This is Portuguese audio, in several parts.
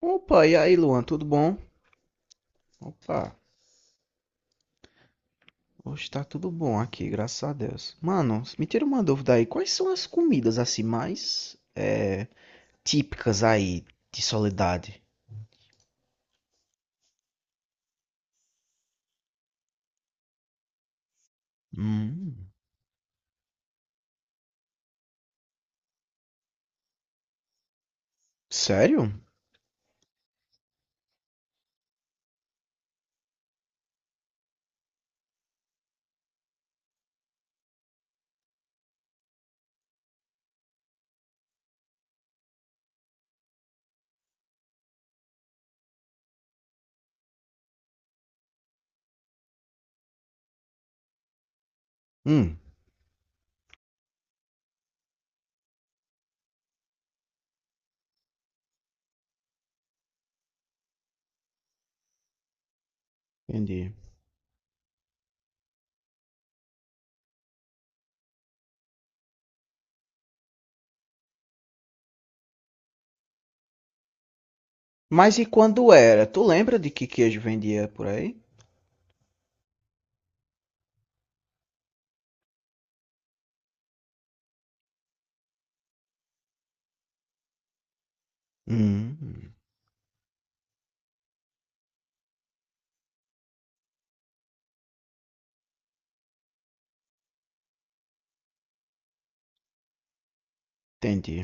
Opa, e aí, Luan, tudo bom? Opa, hoje tá tudo bom aqui, graças a Deus. Mano, me tira uma dúvida aí, quais são as comidas assim mais típicas aí de Soledade? Hum, sério? Hum, entendi. Mas e quando era? Tu lembra de que queijo vendia por aí? Hum, entendi.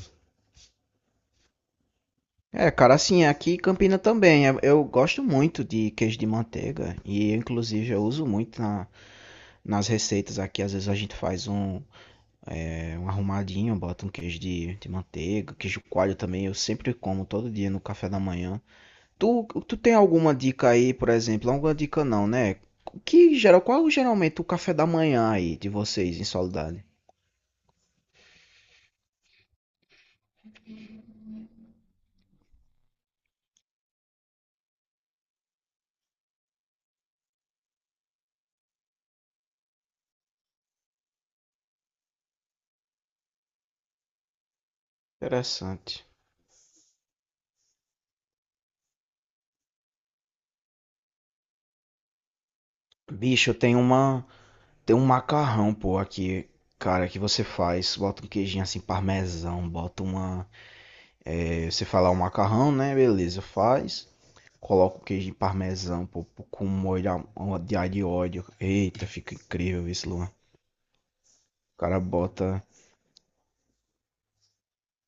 É, cara, assim, aqui em Campina também. Eu gosto muito de queijo de manteiga e, inclusive, eu uso muito nas receitas aqui. Às vezes a gente faz um. É um arrumadinho, bota um queijo de manteiga, queijo coalho também, eu sempre como todo dia no café da manhã. Tu tem alguma dica aí, por exemplo? Alguma dica não, né? Que geral, qual é geralmente o café da manhã aí de vocês em Soledade? Interessante. Bicho, tem um macarrão, pô, aqui, cara, que você faz, bota um queijinho assim parmesão, bota uma, você fala o macarrão, né? Beleza, faz. Coloco queijo de parmesão, pô, com molho de alho e óleo. Eita, fica incrível isso, Luan. O cara bota.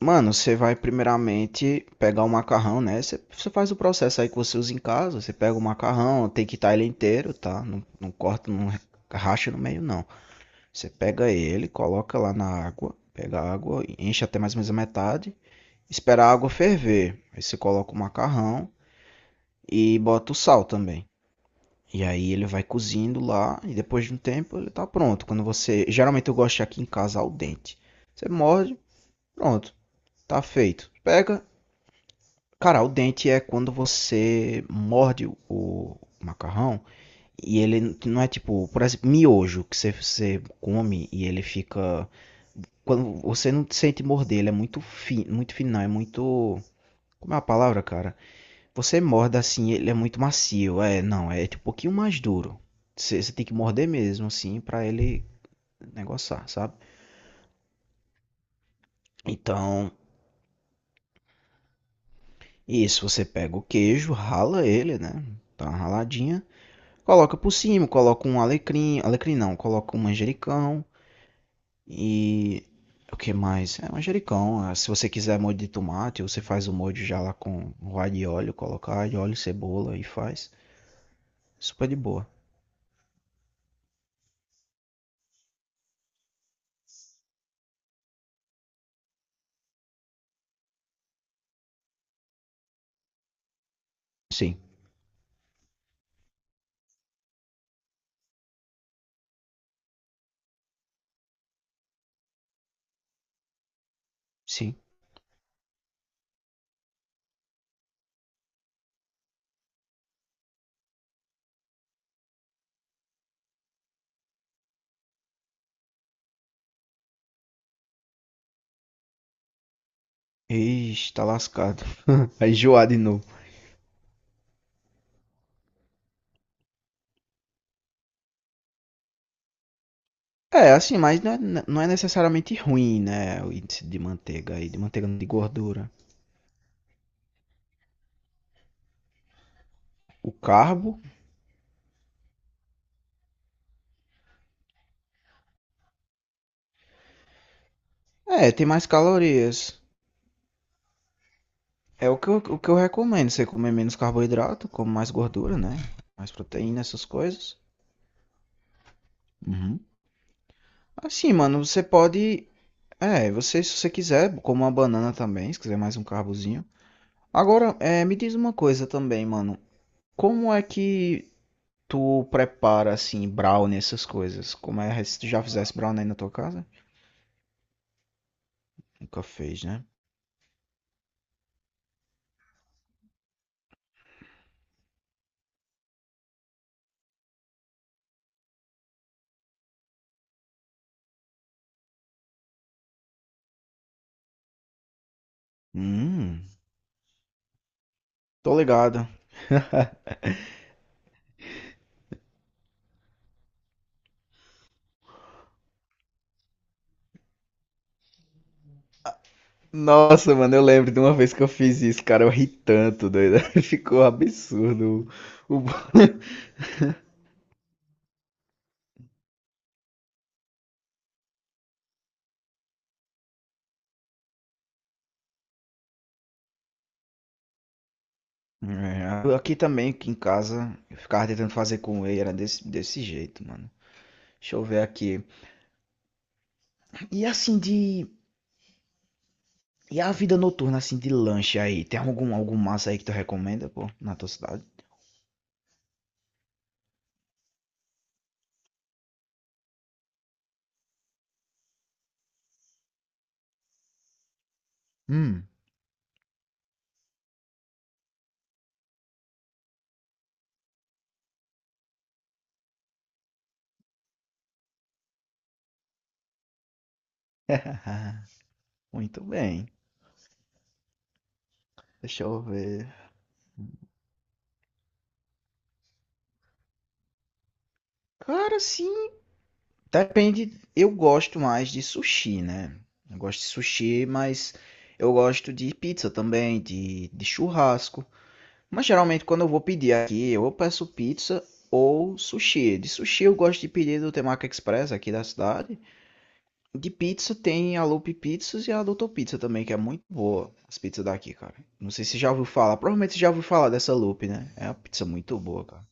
Mano, você vai primeiramente pegar o macarrão, né? Você faz o processo aí que você usa em casa. Você pega o macarrão, tem que estar ele inteiro, tá? Não corta, não racha no meio, não. Você pega ele, coloca lá na água. Pega a água, enche até mais ou menos a metade. Espera a água ferver. Aí você coloca o macarrão e bota o sal também. E aí ele vai cozindo lá e depois de um tempo ele tá pronto. Quando você, geralmente eu gosto de aqui em casa ao dente. Você morde, pronto, tá feito. Pega, cara, ao dente é quando você morde o macarrão e ele não é tipo, por exemplo, miojo que você come e ele fica quando você não sente morder, ele é muito fino, não, é muito, como é a palavra, cara? Você morde assim, ele é muito macio. É, não, é tipo um pouquinho mais duro. Você tem que morder mesmo, assim, pra ele negociar, sabe? Então, isso, você pega o queijo, rala ele, né? Tá uma raladinha. Coloca por cima, coloca um alecrim. Alecrim não, coloca um manjericão. E. O que mais? É manjericão. Ah, se você quiser molho de tomate, você faz o molho já lá com o alho e óleo. Coloca alho, óleo, cebola e faz. Super de boa. Sim, sim. Ixi, tá lascado. Vai enjoar de novo. É, assim, mas não é necessariamente ruim, né? O índice de manteiga aí, de manteiga não, de gordura. O carbo, é, tem mais calorias. É o o que eu recomendo. Você comer menos carboidrato, come mais gordura, né? Mais proteína, essas coisas. Uhum. Assim, mano, você pode. É, você, se você quiser, come uma banana também, se quiser mais um carbozinho. Agora, é, me diz uma coisa também, mano. Como é que tu prepara assim brownie essas coisas? Como é se tu já fizesse brownie aí na tua casa? Nunca fez, né? Hum, tô ligado. Nossa, mano, eu lembro de uma vez que eu fiz isso, cara, eu ri tanto, doido. Ficou absurdo. O É, aqui também, aqui em casa, eu ficava tentando fazer com ele, era desse jeito, mano. Deixa eu ver aqui. E assim de. E a vida noturna, assim, de lanche aí? Tem algum massa aí que tu recomenda, pô, na tua cidade? Hum. Muito bem. Deixa eu ver. Cara, sim. Depende. Eu gosto mais de sushi, né? Eu gosto de sushi, mas eu gosto de pizza também, de churrasco. Mas geralmente quando eu vou pedir aqui, eu peço pizza ou sushi. De sushi eu gosto de pedir do Temaki Express aqui da cidade. De pizza tem a Loop Pizzas e a Doutor Pizza também, que é muito boa as pizzas daqui, cara. Não sei se você já ouviu falar. Provavelmente você já ouviu falar dessa Loop, né? É uma pizza muito boa, cara.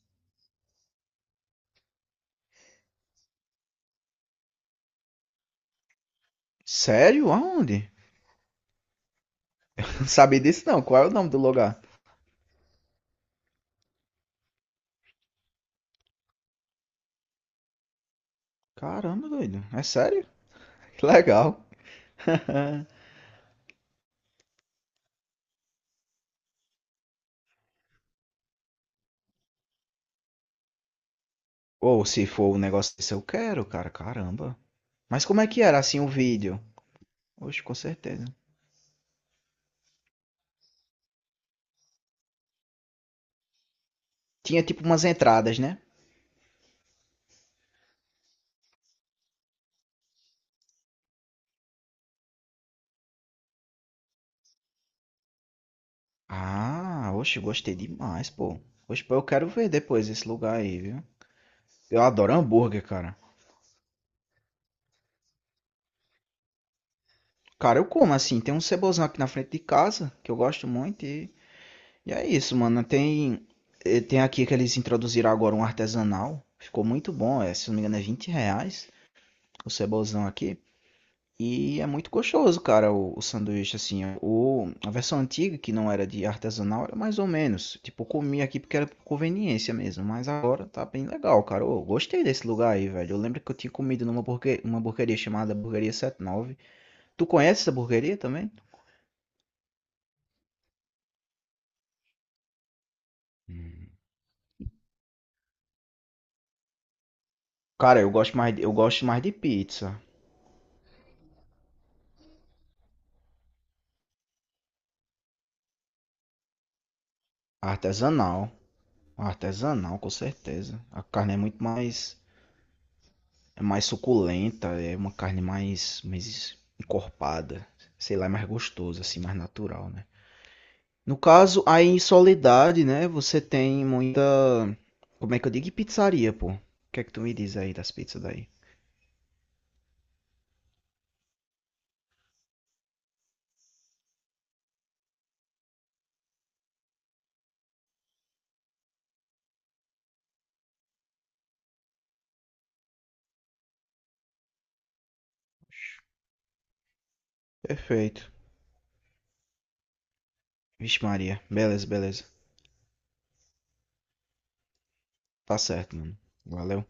Sério? Aonde? Não sabia disso não. Qual é o nome do lugar? Caramba, doido. É sério? Que legal. Ou se for um negócio desse, eu quero, cara. Caramba. Mas como é que era assim o vídeo? Oxe, com certeza. Tinha tipo umas entradas, né? Ah, oxe, gostei demais, pô. Oxe, pô, eu quero ver depois esse lugar aí, viu? Eu adoro hambúrguer, cara. Cara, eu como assim. Tem um cebozão aqui na frente de casa que eu gosto muito e. E é isso, mano. Tem, tem aqui que eles introduziram agora um artesanal. Ficou muito bom. É, se não me engano, é R$ 20 o cebolzão aqui. E é muito gostoso, cara, o sanduíche, assim. O, a versão antiga, que não era de artesanal, era mais ou menos. Tipo, eu comi aqui porque era por conveniência mesmo. Mas agora tá bem legal, cara. Eu gostei desse lugar aí, velho. Eu lembro que eu tinha comido numa burguer, uma burgueria chamada Burgueria 79. Tu conhece essa burgueria também? Cara, eu gosto mais, eu gosto mais de pizza artesanal. Artesanal, com certeza. A carne é muito mais, é mais suculenta, é uma carne mais, mais encorpada, sei lá, é mais gostosa assim, mais natural, né? No caso, aí em Soledade, né, você tem muita, como é que eu digo, pizzaria, pô. O que é que tu me diz aí das pizzas daí? Perfeito. Vixe Maria, beleza, beleza. Tá certo, mano. Valeu.